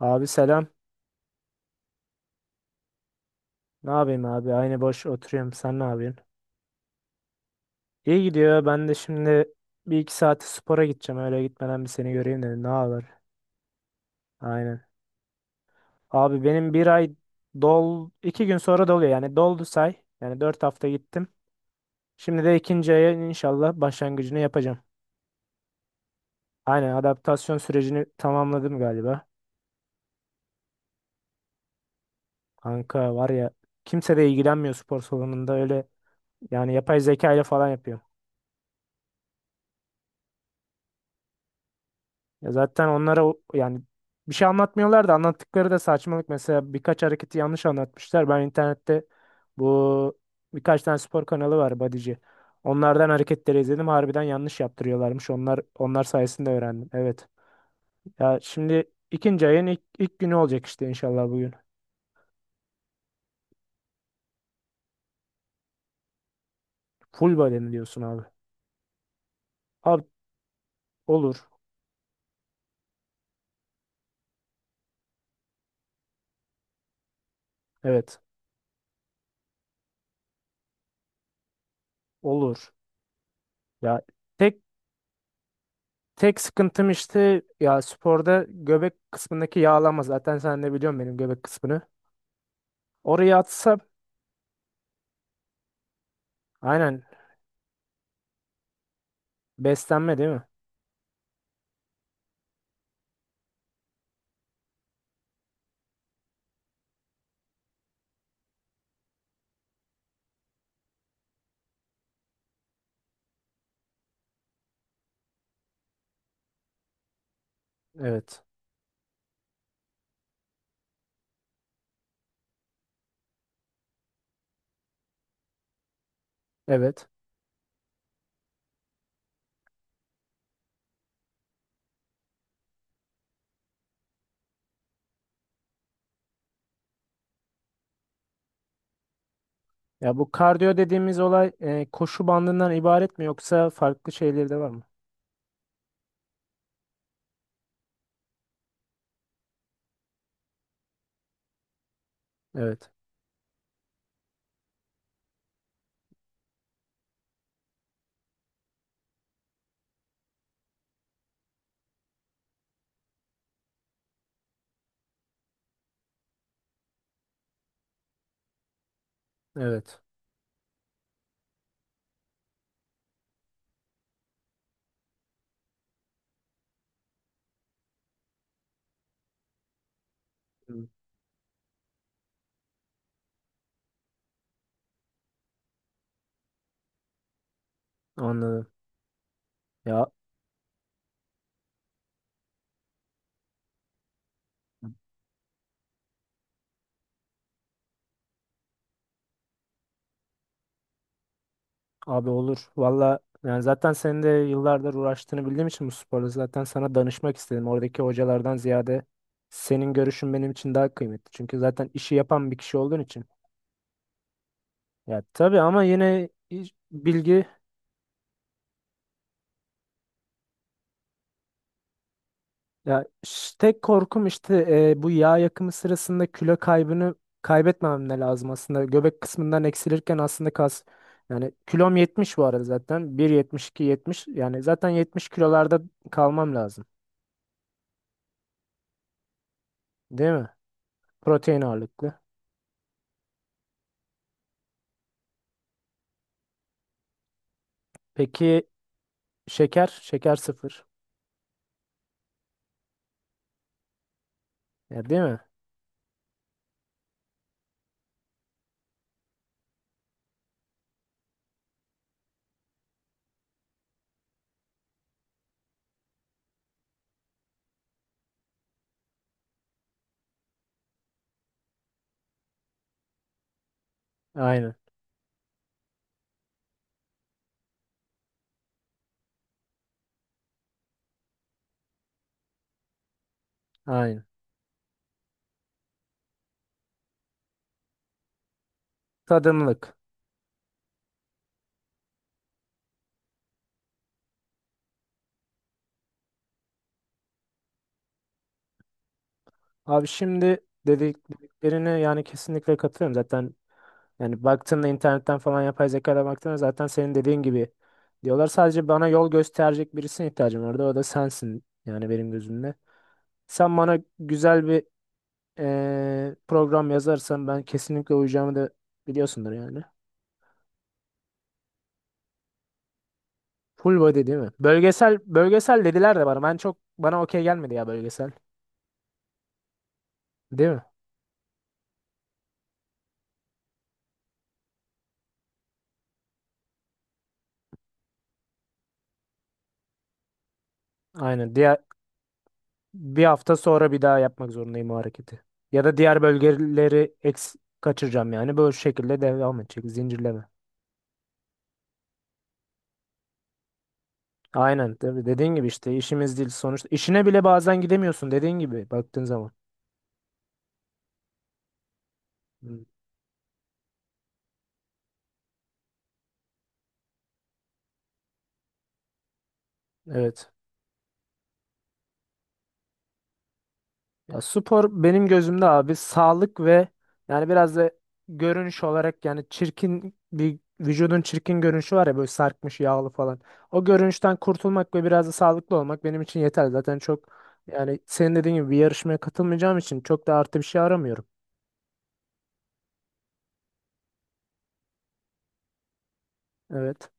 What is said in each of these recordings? Abi, selam. Ne yapayım abi? Aynı boş oturuyorum. Sen ne yapıyorsun? İyi gidiyor. Ben de şimdi bir iki saate spora gideceğim. Öyle gitmeden bir seni göreyim dedim. Ne haber? Aynen. Abi benim bir ay 2 gün sonra doluyor. Yani doldu say. Yani 4 hafta gittim. Şimdi de ikinci aya inşallah başlangıcını yapacağım. Aynen, adaptasyon sürecini tamamladım galiba. Kanka var ya, kimse de ilgilenmiyor spor salonunda öyle. Yani yapay zeka ile falan yapıyor. Ya zaten onlara yani bir şey anlatmıyorlar da anlattıkları da saçmalık. Mesela birkaç hareketi yanlış anlatmışlar. Ben internette bu birkaç tane spor kanalı var Badici. Onlardan hareketleri izledim. Harbiden yanlış yaptırıyorlarmış. Onlar sayesinde öğrendim. Evet. Ya şimdi ikinci ayın ilk günü olacak işte inşallah bugün. Full body diyorsun abi? Abi, olur. Evet. Olur. Ya tek tek sıkıntım işte, ya sporda göbek kısmındaki yağlama. Zaten sen de biliyorsun benim göbek kısmını. Oraya atsa, aynen, beslenme değil mi? Evet. Evet. Ya bu kardiyo dediğimiz olay koşu bandından ibaret mi, yoksa farklı şeyleri de var mı? Evet. Evet. Hı. Anladım. Ya abi, olur. Valla yani zaten senin de yıllardır uğraştığını bildiğim için bu sporla zaten sana danışmak istedim. Oradaki hocalardan ziyade senin görüşün benim için daha kıymetli. Çünkü zaten işi yapan bir kişi olduğun için. Ya tabii, ama yine bilgi. Ya tek korkum işte, bu yağ yakımı sırasında kilo kaybını kaybetmemem de lazım aslında. Göbek kısmından eksilirken aslında kas, yani kilom 70 bu arada zaten. 1,72, 70, yani zaten 70 kilolarda kalmam lazım. Değil mi? Protein ağırlıklı. Peki şeker? Şeker sıfır. Ya, değil mi? Aynen. Aynen. Tadımlık. Abi şimdi dediklerine yani kesinlikle katılıyorum. Zaten. Yani baktığında internetten falan, yapay zekaya baktığında zaten senin dediğin gibi diyorlar. Sadece bana yol gösterecek birisine ihtiyacım vardı. O da sensin yani benim gözümde. Sen bana güzel bir program yazarsan ben kesinlikle uyacağımı da biliyorsundur yani. Full body değil mi? Bölgesel bölgesel dediler de bana. Ben çok, bana okey gelmedi ya bölgesel. Değil mi? Aynen. Diğer bir hafta sonra bir daha yapmak zorundayım o hareketi. Ya da diğer bölgeleri kaçıracağım yani. Böyle şekilde devam edecek. Zincirleme. Aynen, tabii dediğin gibi işte, işimiz değil sonuçta. İşine bile bazen gidemiyorsun dediğin gibi baktığın zaman. Hı. Evet. Ya spor benim gözümde abi, sağlık ve yani biraz da görünüş olarak. Yani çirkin bir vücudun çirkin görünüşü var ya, böyle sarkmış, yağlı falan. O görünüşten kurtulmak ve biraz da sağlıklı olmak benim için yeter. Zaten çok, yani senin dediğin gibi bir yarışmaya katılmayacağım için çok da artı bir şey aramıyorum. Evet.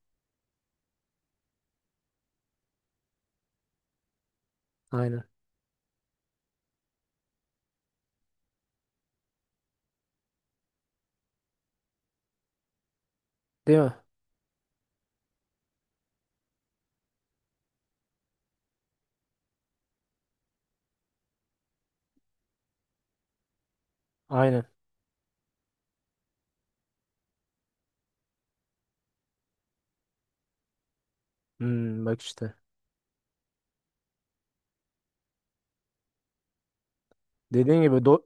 Aynen. Değil mi? Aynen. Hmm, bak işte. Dediğin gibi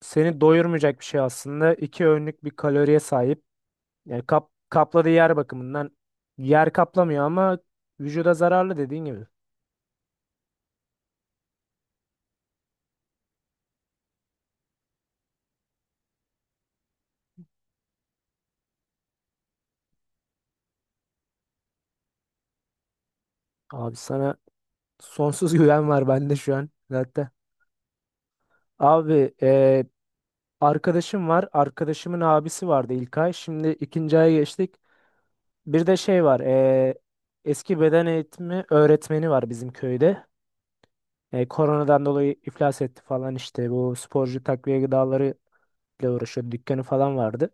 seni doyurmayacak bir şey aslında. İki öğünlük bir kaloriye sahip. Yani kapladığı yer bakımından yer kaplamıyor ama vücuda zararlı dediğin gibi. Abi sana sonsuz güven var bende şu an zaten. Abi, arkadaşım var. Arkadaşımın abisi vardı ilk ay. Şimdi ikinci aya geçtik. Bir de şey var. Eski beden eğitimi öğretmeni var bizim köyde. E, koronadan dolayı iflas etti falan işte. Bu sporcu takviye gıdaları ile uğraşıyordu. Dükkanı falan vardı.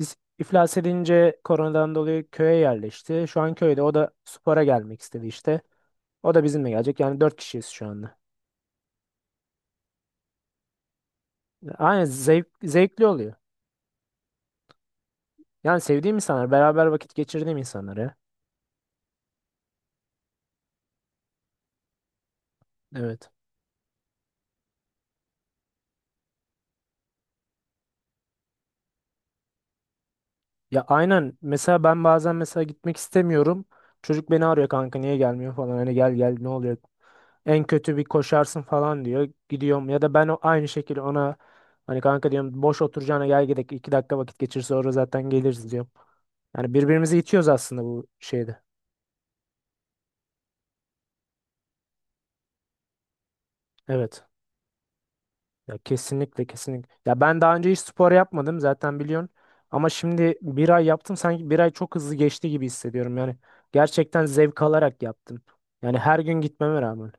Biz iflas edince koronadan dolayı köye yerleşti. Şu an köyde. O da spora gelmek istedi işte. O da bizimle gelecek. Yani 4 kişiyiz şu anda. Aynen, zevkli oluyor. Yani sevdiğim insanlar, beraber vakit geçirdiğim insanlar ya. Evet. Ya aynen. Mesela ben bazen mesela gitmek istemiyorum. Çocuk beni arıyor, kanka niye gelmiyor falan. Hani gel gel, ne oluyor, en kötü bir koşarsın falan diyor. Gidiyorum, ya da ben aynı şekilde ona hani kanka diyorum, boş oturacağına gel gidelim, 2 dakika vakit geçir, sonra zaten geliriz diyorum. Yani birbirimizi itiyoruz aslında bu şeyde. Evet. Ya kesinlikle, kesinlikle. Ya ben daha önce hiç spor yapmadım zaten, biliyorsun. Ama şimdi bir ay yaptım, sanki bir ay çok hızlı geçti gibi hissediyorum yani. Gerçekten zevk alarak yaptım. Yani her gün gitmeme rağmen.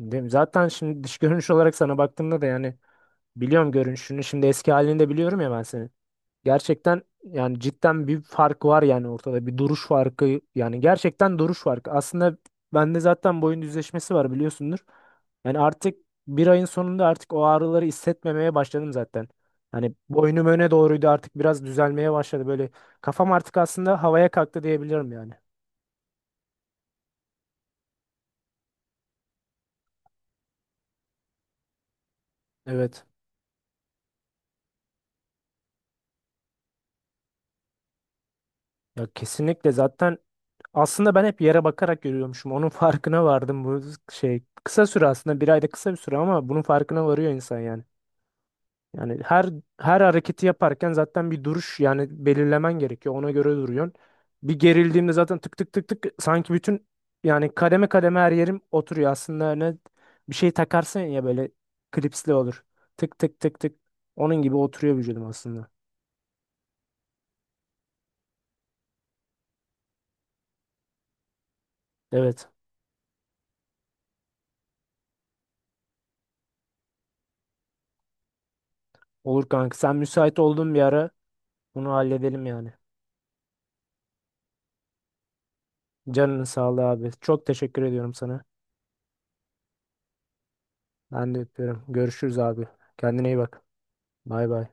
Değil mi? Zaten şimdi dış görünüş olarak sana baktığımda da, yani biliyorum görünüşünü. Şimdi eski halini de biliyorum ya ben seni. Gerçekten yani cidden bir fark var yani, ortada bir duruş farkı yani, gerçekten duruş farkı. Aslında bende zaten boyun düzleşmesi var, biliyorsundur. Yani artık bir ayın sonunda artık o ağrıları hissetmemeye başladım zaten. Hani boynum öne doğruydu, artık biraz düzelmeye başladı böyle. Kafam artık aslında havaya kalktı diyebilirim yani. Evet. Ya kesinlikle, zaten aslında ben hep yere bakarak yürüyormuşum. Onun farkına vardım bu şey kısa süre, aslında bir ayda kısa bir süre, ama bunun farkına varıyor insan yani. Yani her hareketi yaparken zaten bir duruş yani belirlemen gerekiyor. Ona göre duruyorsun. Bir gerildiğimde zaten tık tık tık tık, sanki bütün, yani kademe kademe her yerim oturuyor. Aslında ne, bir şey takarsın ya böyle, klipsli olur. Tık tık tık tık. Onun gibi oturuyor vücudum aslında. Evet. Olur kanka. Sen müsait olduğun bir ara bunu halledelim yani. Canının sağlığı abi. Çok teşekkür ediyorum sana. Ben de öpüyorum. Görüşürüz abi. Kendine iyi bak. Bay bay.